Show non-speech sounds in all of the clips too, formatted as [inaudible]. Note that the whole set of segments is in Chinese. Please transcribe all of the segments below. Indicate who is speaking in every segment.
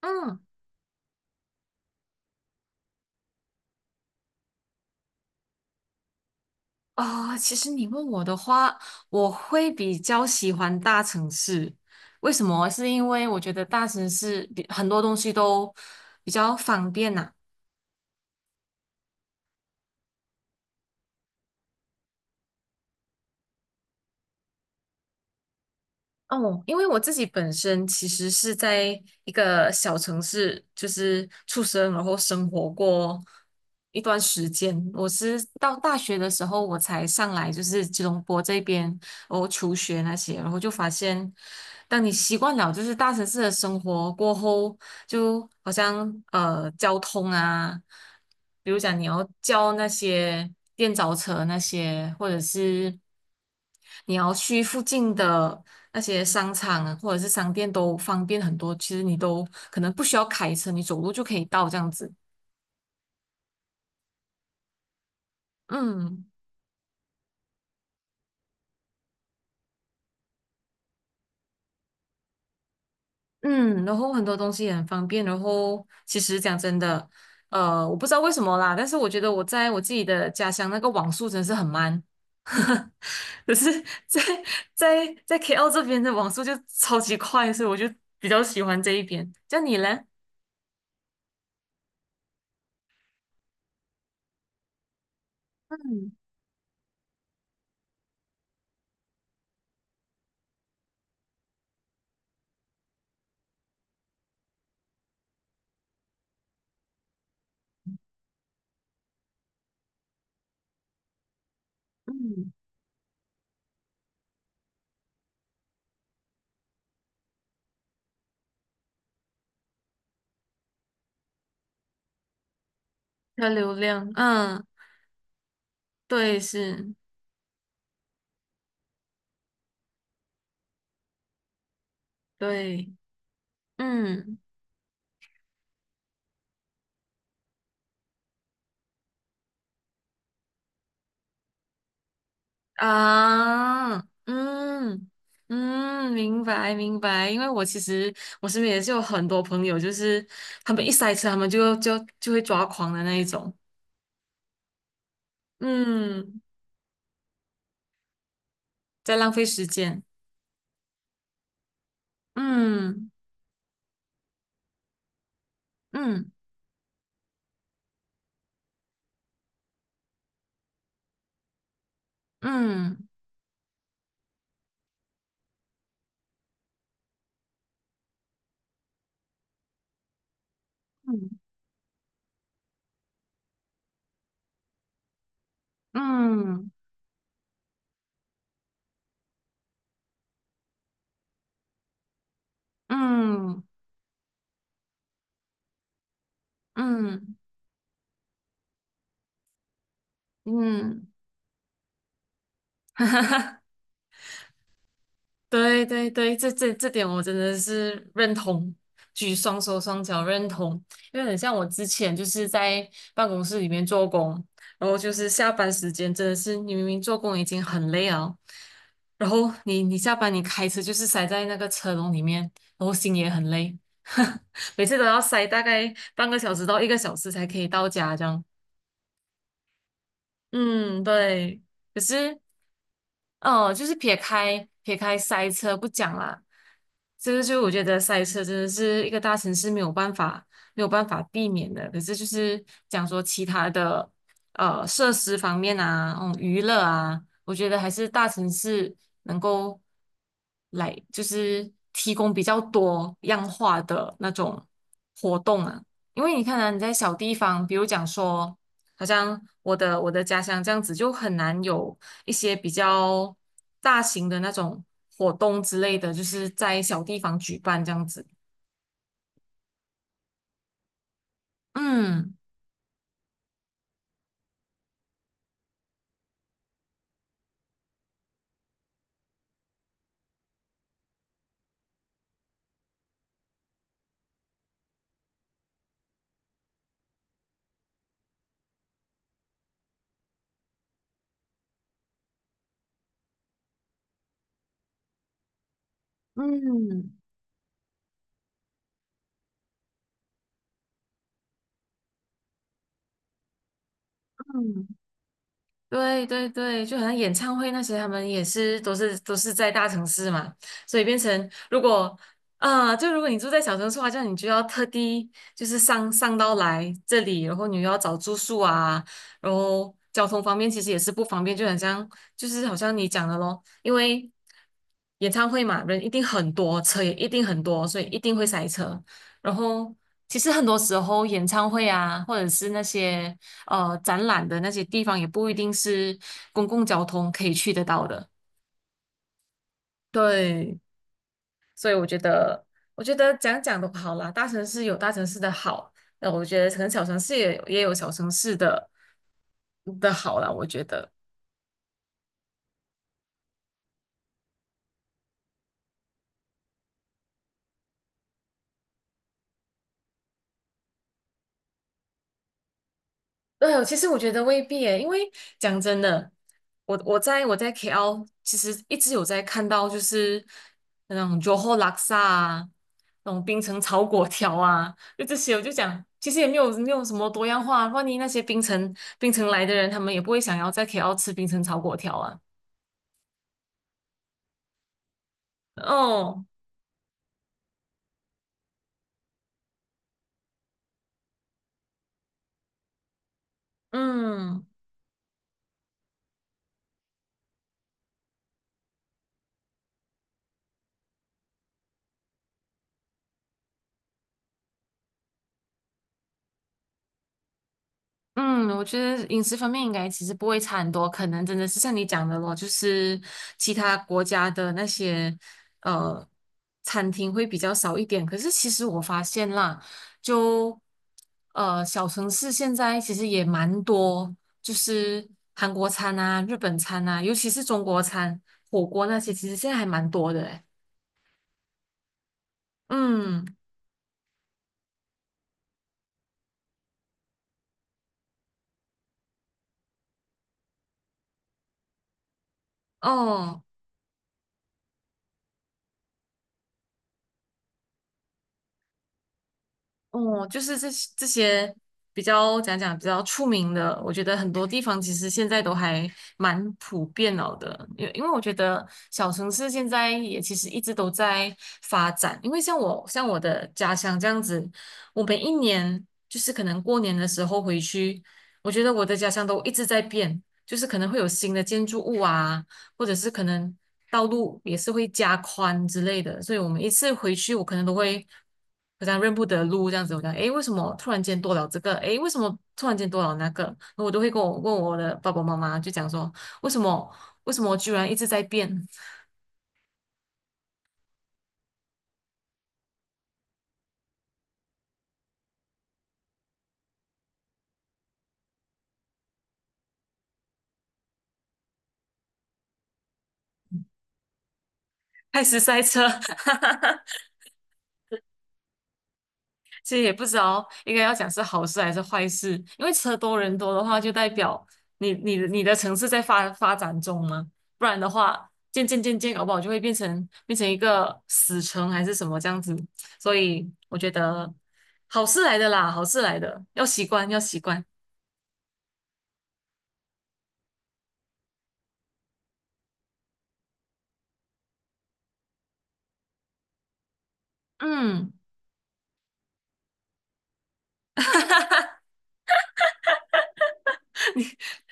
Speaker 1: 嗯，啊，其实你问我的话，我会比较喜欢大城市。为什么？是因为我觉得大城市比很多东西都比较方便呐。哦，因为我自己本身其实是在一个小城市，就是出生，然后生活过一段时间。我是到大学的时候，我才上来，就是吉隆坡这边，然后求学那些，然后就发现，当你习惯了就是大城市的生活过后，就好像交通啊，比如讲你要叫那些电召车那些，或者是，你要去附近的那些商场啊，或者是商店都方便很多。其实你都可能不需要开车，你走路就可以到这样子。嗯嗯，然后很多东西也很方便。然后其实讲真的，我不知道为什么啦，但是我觉得我在我自己的家乡那个网速真的是很慢，[laughs] 可是在在 KL 这边的网速就超级快，所以我就比较喜欢这一边。像你嘞，嗯嗯。它流量，嗯。对，是，对，嗯，啊，嗯，嗯，明白，明白。因为我其实我身边也是有很多朋友，就是他们一塞车，他们就会抓狂的那一种。嗯，在浪费时间。嗯嗯嗯嗯嗯嗯嗯嗯，嗯。 [laughs] 哈哈，对对对，这点我真的是认同，举双手双脚认同，因为很像我之前就是在办公室里面做工，然后就是下班时间真的是你明明做工已经很累了，然后你下班你开车就是塞在那个车笼里面，然后心也很累，[laughs] 每次都要塞大概半个小时到一个小时才可以到家这样。嗯，对。可是哦，就是撇开塞车不讲啦，这个就我觉得塞车真的是一个大城市没有办法避免的。可是就是讲说其他的设施方面啊，嗯，娱乐啊，我觉得还是大城市能够来就是提供比较多样化的那种活动啊。因为你看啊，你在小地方，比如讲说，好像我的家乡这样子就很难有一些比较大型的那种活动之类的，就是在小地方举办这样子。嗯嗯嗯。对对对，就好像演唱会那些，他们也是都是在大城市嘛，所以变成如果啊、就如果你住在小城市的话，这样你就要特地就是上到来这里，然后你又要找住宿啊，然后交通方面其实也是不方便，就很像就是好像你讲的咯，因为演唱会嘛，人一定很多，车也一定很多，所以一定会塞车。然后其实很多时候演唱会啊，或者是那些，展览的那些地方，也不一定是公共交通可以去得到的。对，所以我觉得，我觉得讲讲都好啦，大城市有大城市的好，那我觉得可能小城市也有小城市的好啦，我觉得。对，其实我觉得未必诶，因为讲真的，我在 KL 其实一直有在看到，就是那种 Johor Laks 啊，那种冰城炒粿条啊，就这些，我就讲，其实也没有什么多样化。万一那些冰城来的人，他们也不会想要在 KL 吃冰城炒粿条啊。哦，嗯。嗯，我觉得饮食方面应该其实不会差很多，可能真的是像你讲的咯，就是其他国家的那些呃餐厅会比较少一点。可是其实我发现啦，就小城市现在其实也蛮多，就是韩国餐啊、日本餐啊，尤其是中国餐、火锅那些，其实现在还蛮多的诶。嗯，哦。哦，就是这些比较讲讲比较出名的，我觉得很多地方其实现在都还蛮普遍了的，因为我觉得小城市现在也其实一直都在发展，因为像我的家乡这样子，我每一年就是可能过年的时候回去，我觉得我的家乡都一直在变，就是可能会有新的建筑物啊，或者是可能道路也是会加宽之类的，所以我们一次回去，我可能都会好像认不得路这样子。我讲，诶，为什么突然间多了这个？诶，为什么突然间多了那个？我都会跟我问我的爸爸妈妈，就讲说，为什么为什么我居然一直在变。[laughs] 开始塞车。[laughs] 其实也不知道应该要讲是好事还是坏事，因为车多人多的话，就代表你的城市在发展中嘛，不然的话，渐渐，搞不好就会变成一个死城还是什么这样子。所以我觉得好事来的啦，好事来的，要习惯要习惯。嗯，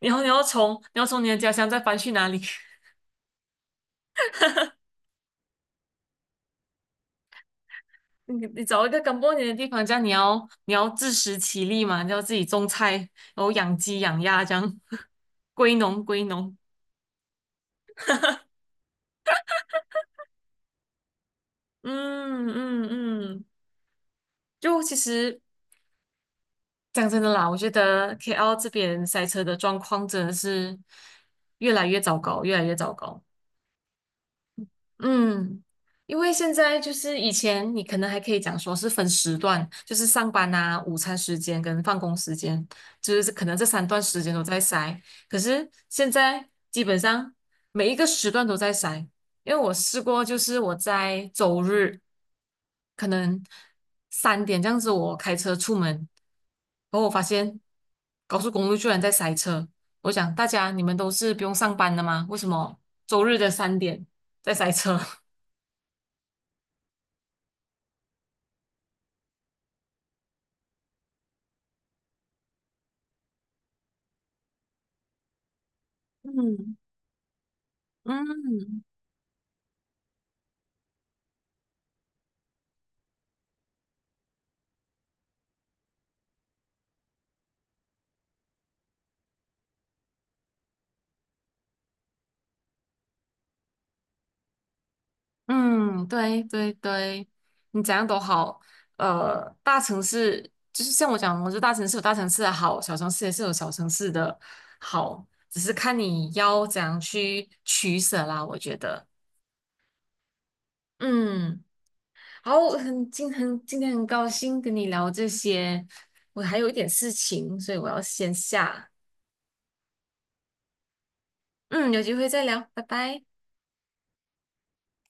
Speaker 1: 你要从你的家乡再搬去哪里？你找一个干过年的地方，这样你要自食其力嘛，你要自己种菜，然后养鸡养鸭这样，[laughs] 归农归农。嗯嗯嗯，就其实讲真的啦，我觉得 KL 这边塞车的状况真的是越来越糟糕，越来越糟糕。嗯，因为现在就是以前你可能还可以讲说是分时段，就是上班啊、午餐时间跟放工时间，就是可能这三段时间都在塞。可是现在基本上每一个时段都在塞，因为我试过，就是我在周日可能三点这样子，我开车出门，然后我发现高速公路居然在塞车。我想大家你们都是不用上班的吗？为什么周日的三点？在塞车。[laughs] 嗯嗯嗯，对对对，你怎样都好。大城市就是像我讲，我觉得大城市有大城市的好，小城市也是有小城市的好，只是看你要怎样去取舍啦。我觉得，嗯，好，很今天很高兴跟你聊这些，我还有一点事情，所以我要先下。嗯，有机会再聊，拜拜。